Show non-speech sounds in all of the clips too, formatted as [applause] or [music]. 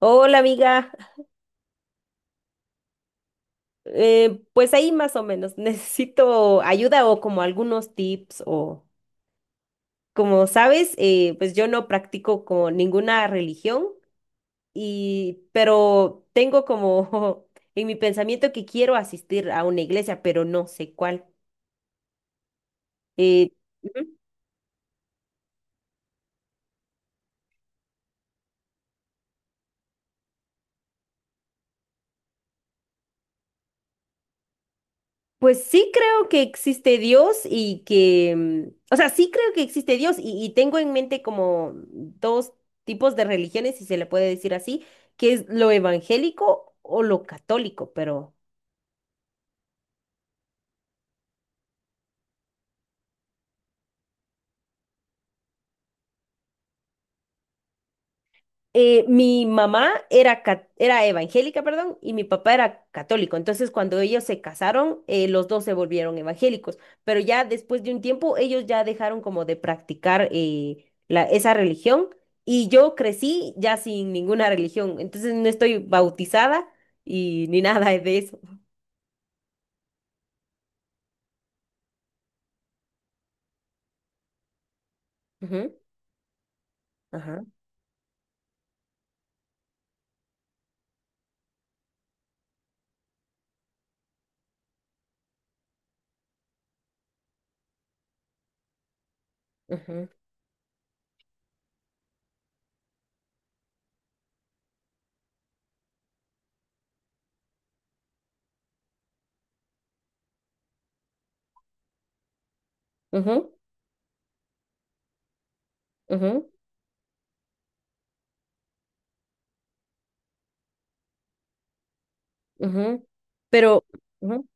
Hola amiga, pues ahí más o menos [laughs] necesito ayuda o como algunos tips o como sabes, pues yo no practico como ninguna religión pero tengo como [laughs] en mi pensamiento que quiero asistir a una iglesia, pero no sé cuál. Eh, Ujú. Pues sí creo que existe Dios y que, o sea, sí creo que existe Dios y tengo en mente como dos tipos de religiones, si se le puede decir así, que es lo evangélico o lo católico, pero. Mi mamá era evangélica, perdón, y mi papá era católico. Entonces, cuando ellos se casaron, los dos se volvieron evangélicos. Pero ya después de un tiempo, ellos ya dejaron como de practicar esa religión. Y yo crecí ya sin ninguna religión. Entonces, no estoy bautizada y ni nada de eso. Ujú, ajá, ujú, ujú, ujú, ujú. Pero, ujú.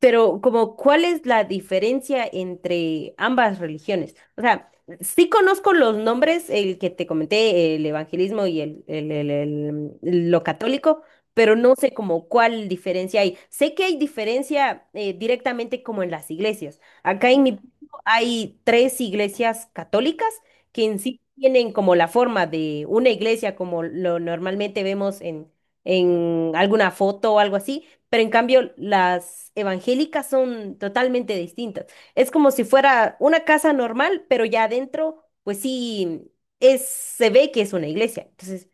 Pero como, ¿cuál es la diferencia entre ambas religiones? O sea, sí conozco los nombres, el que te comenté, el evangelismo y lo católico, pero no sé como cuál diferencia hay. Sé que hay diferencia directamente como en las iglesias. Acá en mi pueblo hay tres iglesias católicas que en sí tienen como la forma de una iglesia como lo normalmente vemos en alguna foto o algo así, pero en cambio, las evangélicas son totalmente distintas. Es como si fuera una casa normal, pero ya adentro, pues sí, se ve que es una iglesia. Entonces.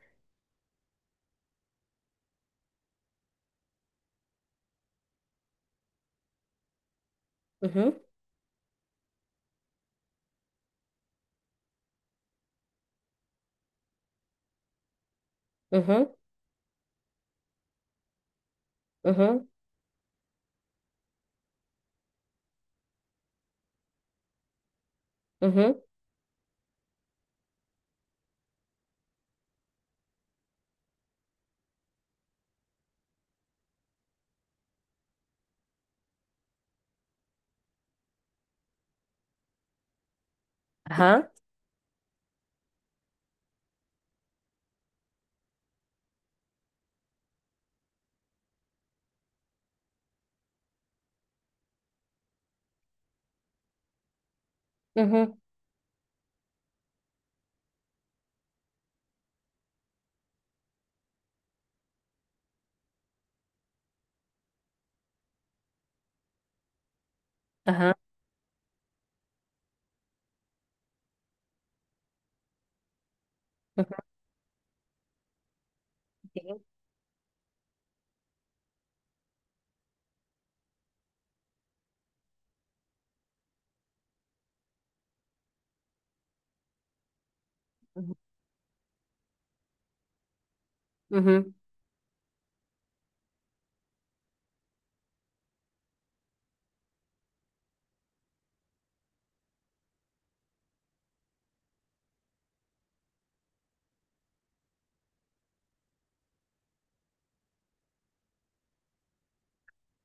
Ujú, ujú, ujú, ujú, ajá, ujú, ajá, ujú, sí, ujú, ujú,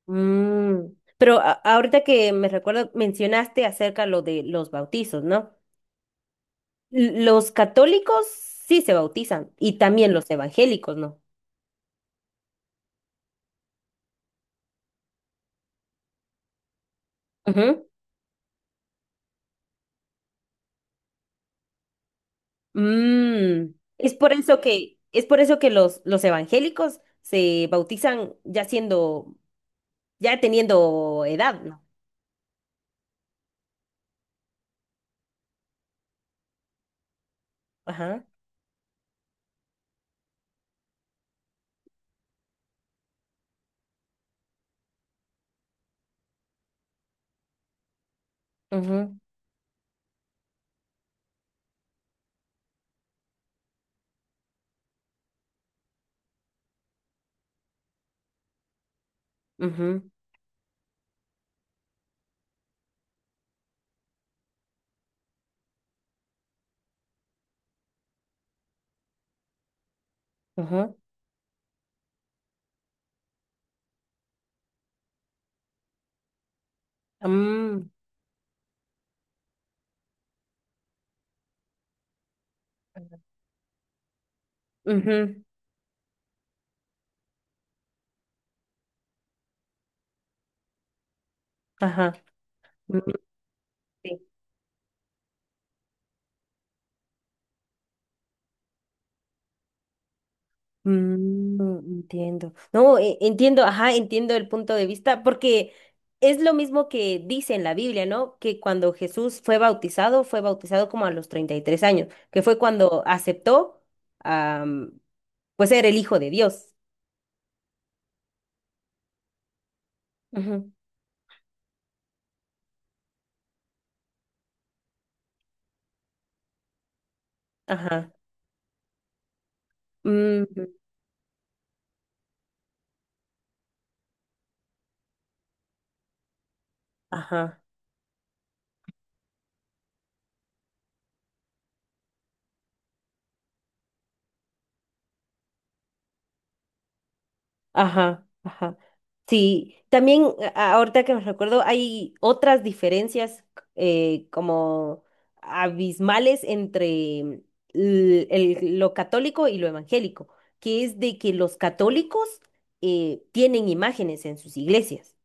mm. Pero ahorita que me recuerdo, mencionaste acerca lo de los bautizos, ¿no? Los católicos sí se bautizan y también los evangélicos, ¿no? Mm, es por eso que, es por eso que los evangélicos se bautizan ya teniendo edad, ¿no? Ajá. Ujú, ujú, ujú, mm, ujú. Ajá. Mm, sí. Entiendo. No, entiendo, ajá, entiendo el punto de vista, porque es lo mismo que dice en la Biblia, ¿no? Que cuando Jesús fue bautizado como a los 33 años, que fue cuando aceptó. Pues era el hijo de Dios. Ajá. Ajá. Mm, ajá. Ajá. Ajá. Sí, también, ahorita que me recuerdo, hay otras diferencias como abismales entre lo católico y lo evangélico, que es de que los católicos tienen imágenes en sus iglesias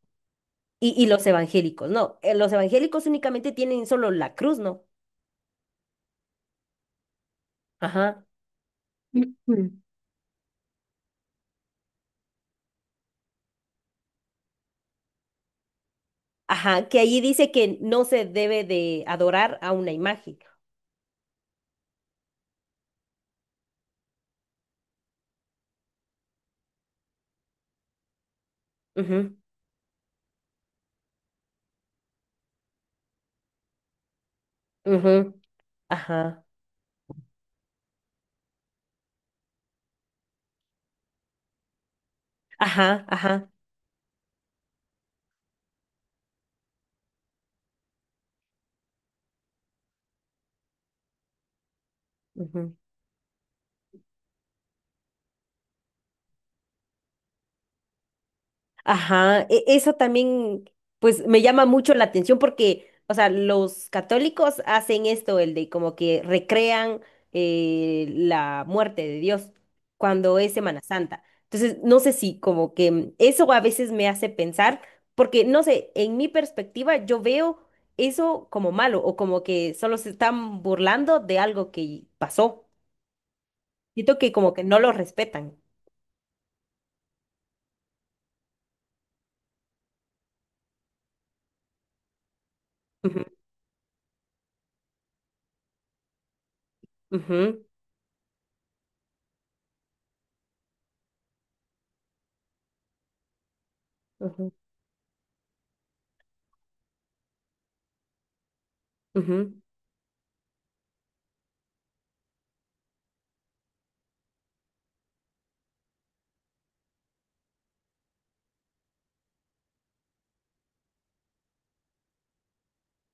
y los evangélicos no. Los evangélicos únicamente tienen solo la cruz, ¿no? Ajá. Ujú. Ajá, que allí dice que no se debe de adorar a una imagen. Ujú, ujú, ajá, ajá, ajá. Ujú. Ajá, eso también, pues me llama mucho la atención porque, o sea, los católicos hacen esto, el de como que recrean la muerte de Dios cuando es Semana Santa. Entonces, no sé si como que eso a veces me hace pensar, porque no sé, en mi perspectiva yo veo eso como malo o como que solo se están burlando de algo que pasó. Siento que como que no lo respetan. Ujú, ujú, ujú, ujú,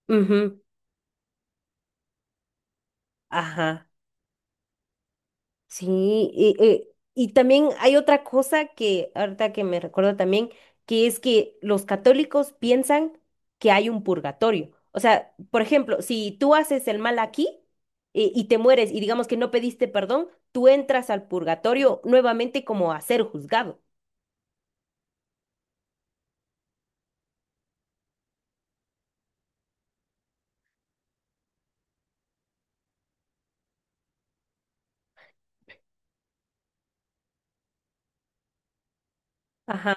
ujú, ajá. Sí, y también hay otra cosa que ahorita que me recuerdo también, que es que los católicos piensan que hay un purgatorio. O sea, por ejemplo, si tú haces el mal aquí y te mueres y digamos que no pediste perdón, tú entras al purgatorio nuevamente como a ser juzgado. Ajá.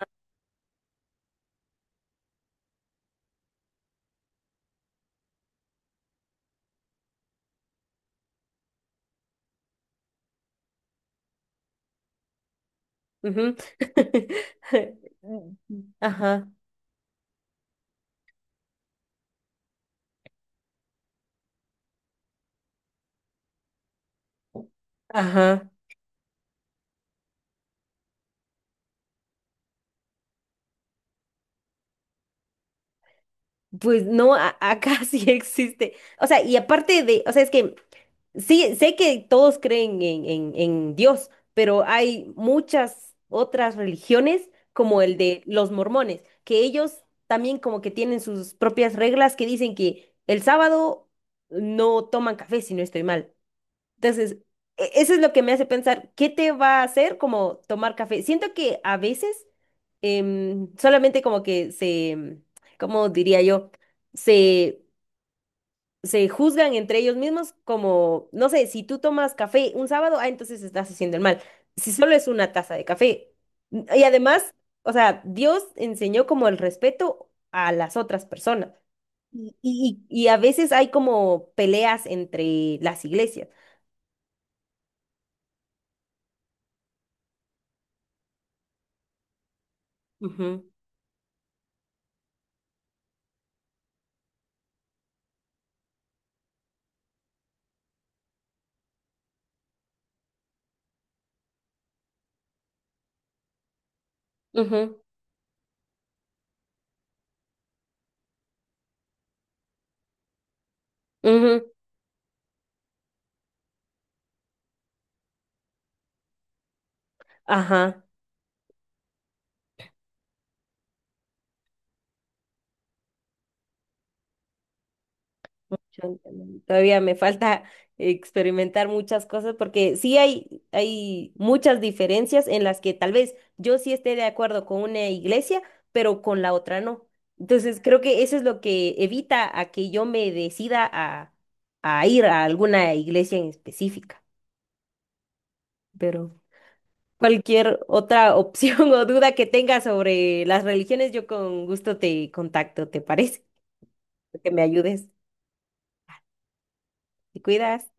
Ujú. [laughs] Ajá. Ajá. Pues no, acá [laughs] sí existe. O sea, y aparte de, o sea, es que sí, sé que todos creen en Dios, pero hay muchas otras religiones, como el de los mormones, que ellos también como que tienen sus propias reglas que dicen que el sábado no toman café, si no estoy mal. Entonces, eso es lo que me hace pensar, ¿qué te va a hacer como tomar café? Siento que a veces solamente como que ¿cómo diría yo? Se, se juzgan entre ellos mismos como, no sé, si tú tomas café un sábado, ah, entonces estás haciendo el mal. Si solo es una taza de café. Y además, o sea, Dios enseñó como el respeto a las otras personas. Y a veces hay como peleas entre las iglesias. Ujú, ujú. Ujú, ajá, yo también. Todavía me falta experimentar muchas cosas porque sí hay muchas diferencias en las que tal vez yo sí esté de acuerdo con una iglesia, pero con la otra no. Entonces creo que eso es lo que evita a que yo me decida a ir a alguna iglesia en específica. Pero cualquier otra opción [laughs] o duda que tengas sobre las religiones, yo con gusto te contacto, ¿te parece? Que me ayudes. Te cuidas.